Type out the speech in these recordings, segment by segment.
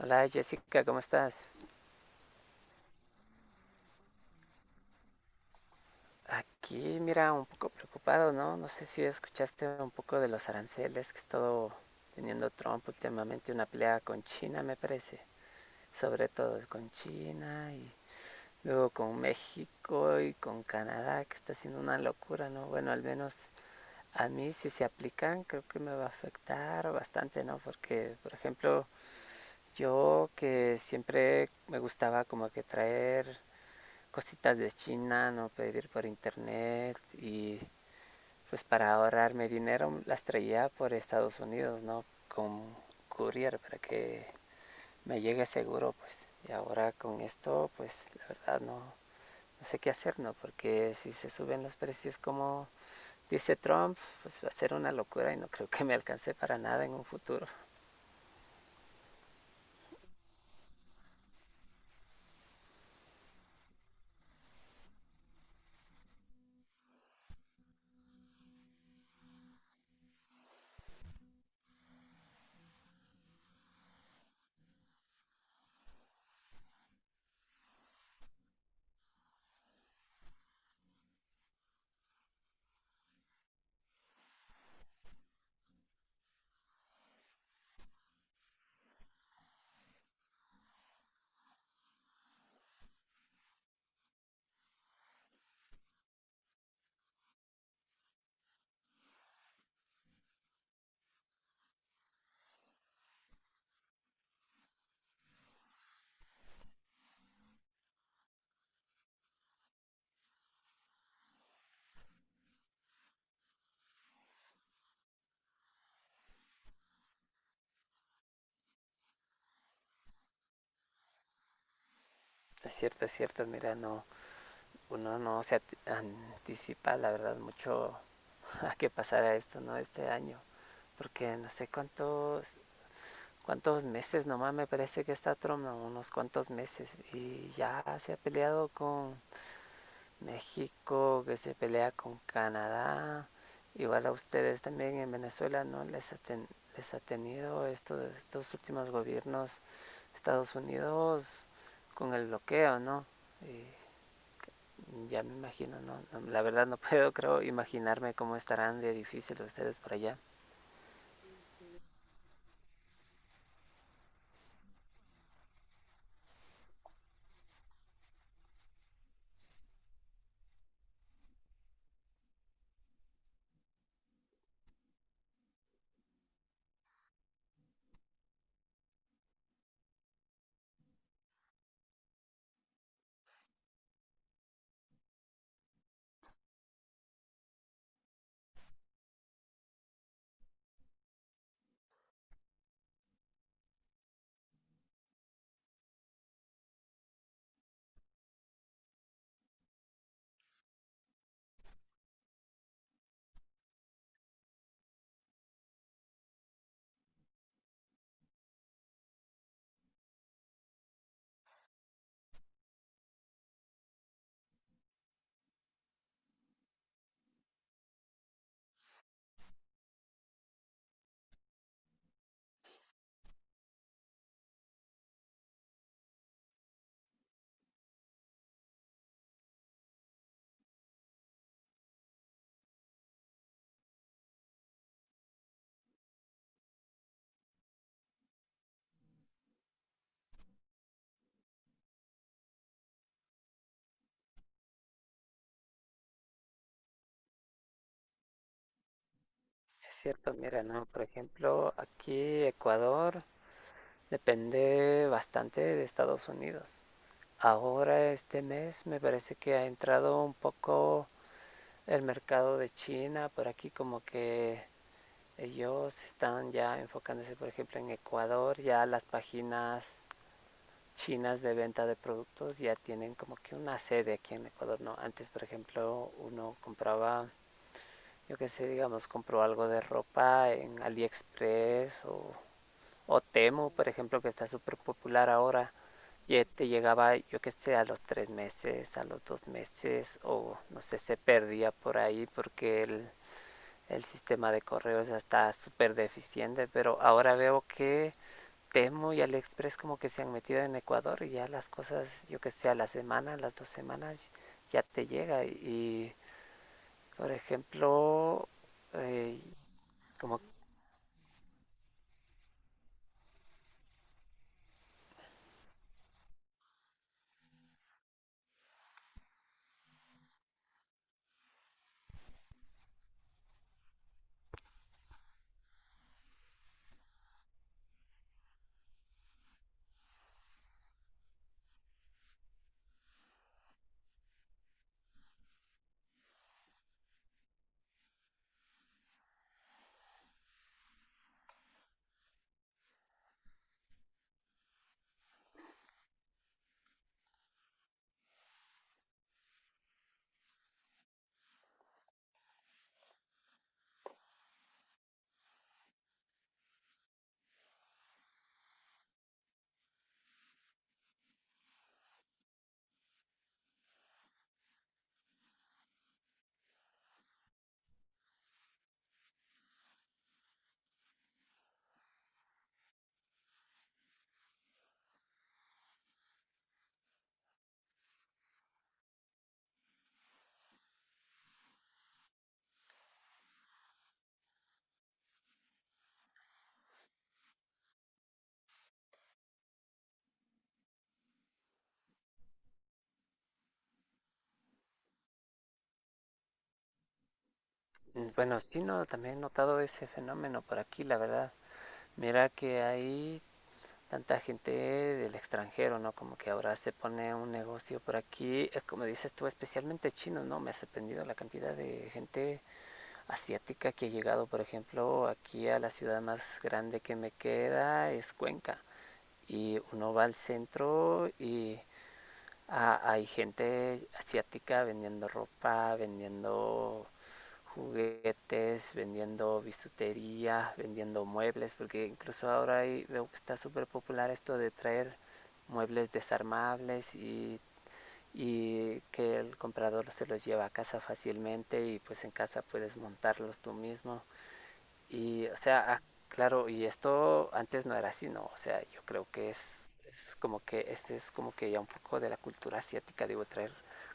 Hola Jessica, ¿cómo estás? Aquí, mira, un poco preocupado, ¿no? No sé si escuchaste un poco de los aranceles que ha estado teniendo Trump últimamente, una pelea con China, me parece, sobre todo con China y luego con México y con Canadá, que está haciendo una locura, ¿no? Bueno, al menos a mí si se aplican, creo que me va a afectar bastante, ¿no? Porque, por ejemplo, yo que siempre me gustaba como que traer cositas de China, no pedir por internet y pues para ahorrarme dinero las traía por Estados Unidos, ¿no? Con courier para que me llegue seguro, pues. Y ahora con esto, pues la verdad no sé qué hacer, ¿no? Porque si se suben los precios como dice Trump, pues va a ser una locura y no creo que me alcance para nada en un futuro. Es cierto, mira, no, uno no se anticipa, la verdad, mucho a qué pasará esto, ¿no? Este año. Porque no sé cuántos meses nomás me parece que está Trump, no, unos cuantos meses, y ya se ha peleado con México, que se pelea con Canadá, igual a ustedes también en Venezuela, ¿no? Les ha tenido estos últimos gobiernos Estados Unidos con el bloqueo, ¿no? Y ya me imagino, ¿no? No, la verdad no puedo, creo, imaginarme cómo estarán de difícil ustedes por allá. Es cierto, mira, ¿no? Por ejemplo, aquí Ecuador depende bastante de Estados Unidos. Ahora este mes me parece que ha entrado un poco el mercado de China por aquí, como que ellos están ya enfocándose, por ejemplo, en Ecuador, ya las páginas chinas de venta de productos ya tienen como que una sede aquí en Ecuador, ¿no? Antes, por ejemplo, uno compraba, yo qué sé, digamos, compró algo de ropa en AliExpress o Temu, por ejemplo, que está súper popular ahora, y te llegaba, yo qué sé, a los 3 meses, a los 2 meses, o no sé, se perdía por ahí porque el sistema de correos ya está súper deficiente, pero ahora veo que Temu y AliExpress como que se han metido en Ecuador y ya las cosas, yo que sé, a la semana, a las 2 semanas ya te llega y, por ejemplo, eh, como, bueno, sí, no, también he notado ese fenómeno por aquí, la verdad. Mira que hay tanta gente del extranjero, ¿no? Como que ahora se pone un negocio por aquí, como dices tú, especialmente chino, ¿no? Me ha sorprendido la cantidad de gente asiática que ha llegado, por ejemplo, aquí a la ciudad más grande que me queda, es Cuenca. Y uno va al centro y ah, hay gente asiática vendiendo ropa, vendiendo juguetes, vendiendo bisutería, vendiendo muebles, porque incluso ahora hay veo que está súper popular esto de traer muebles desarmables y que el comprador se los lleva a casa fácilmente y pues en casa puedes montarlos tú mismo. Y, o sea, ah, claro, y esto antes no era así, ¿no? O sea, yo creo que es como que este es como que ya un poco de la cultura asiática, digo, traer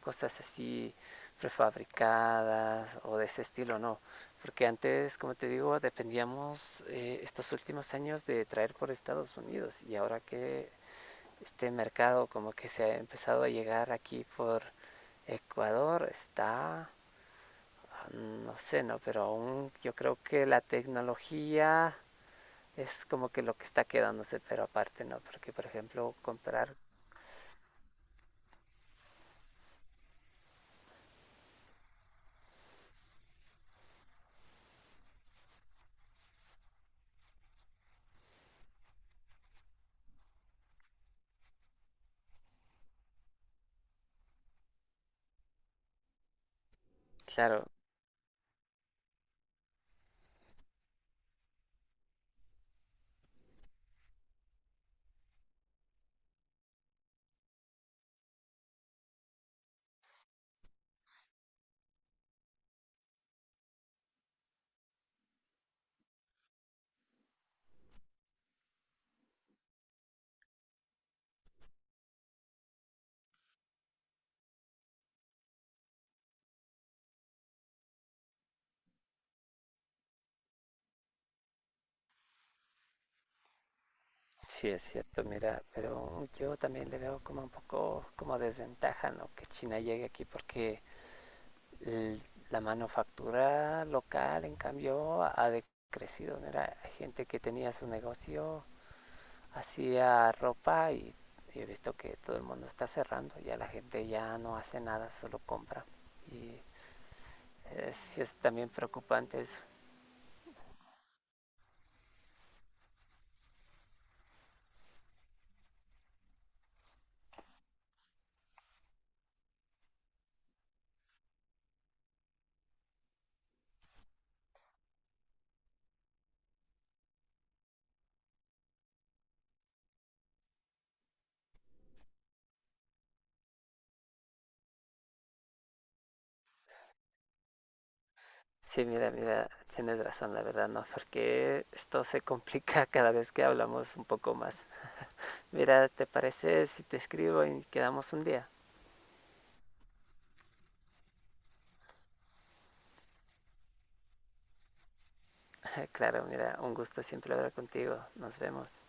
cosas así prefabricadas o de ese estilo, ¿no? Porque antes, como te digo, dependíamos estos últimos años de traer por Estados Unidos y ahora que este mercado como que se ha empezado a llegar aquí por Ecuador, está no sé, no, pero aún yo creo que la tecnología es como que lo que está quedándose, pero aparte no, porque por ejemplo comprar, claro, sí es cierto, mira, pero yo también le veo como un poco como desventaja, ¿no? Que China llegue aquí porque el- la manufactura local, en cambio, ha decrecido, mira, hay gente que tenía su negocio hacía ropa y he visto que todo el mundo está cerrando, ya la gente ya no hace nada, solo compra. Y sí es también preocupante eso. Sí, mira, mira, tienes razón, la verdad, ¿no? Porque esto se complica cada vez que hablamos un poco más. Mira, ¿te parece si te escribo y quedamos un día? claro, mira, un gusto siempre hablar contigo. Nos vemos.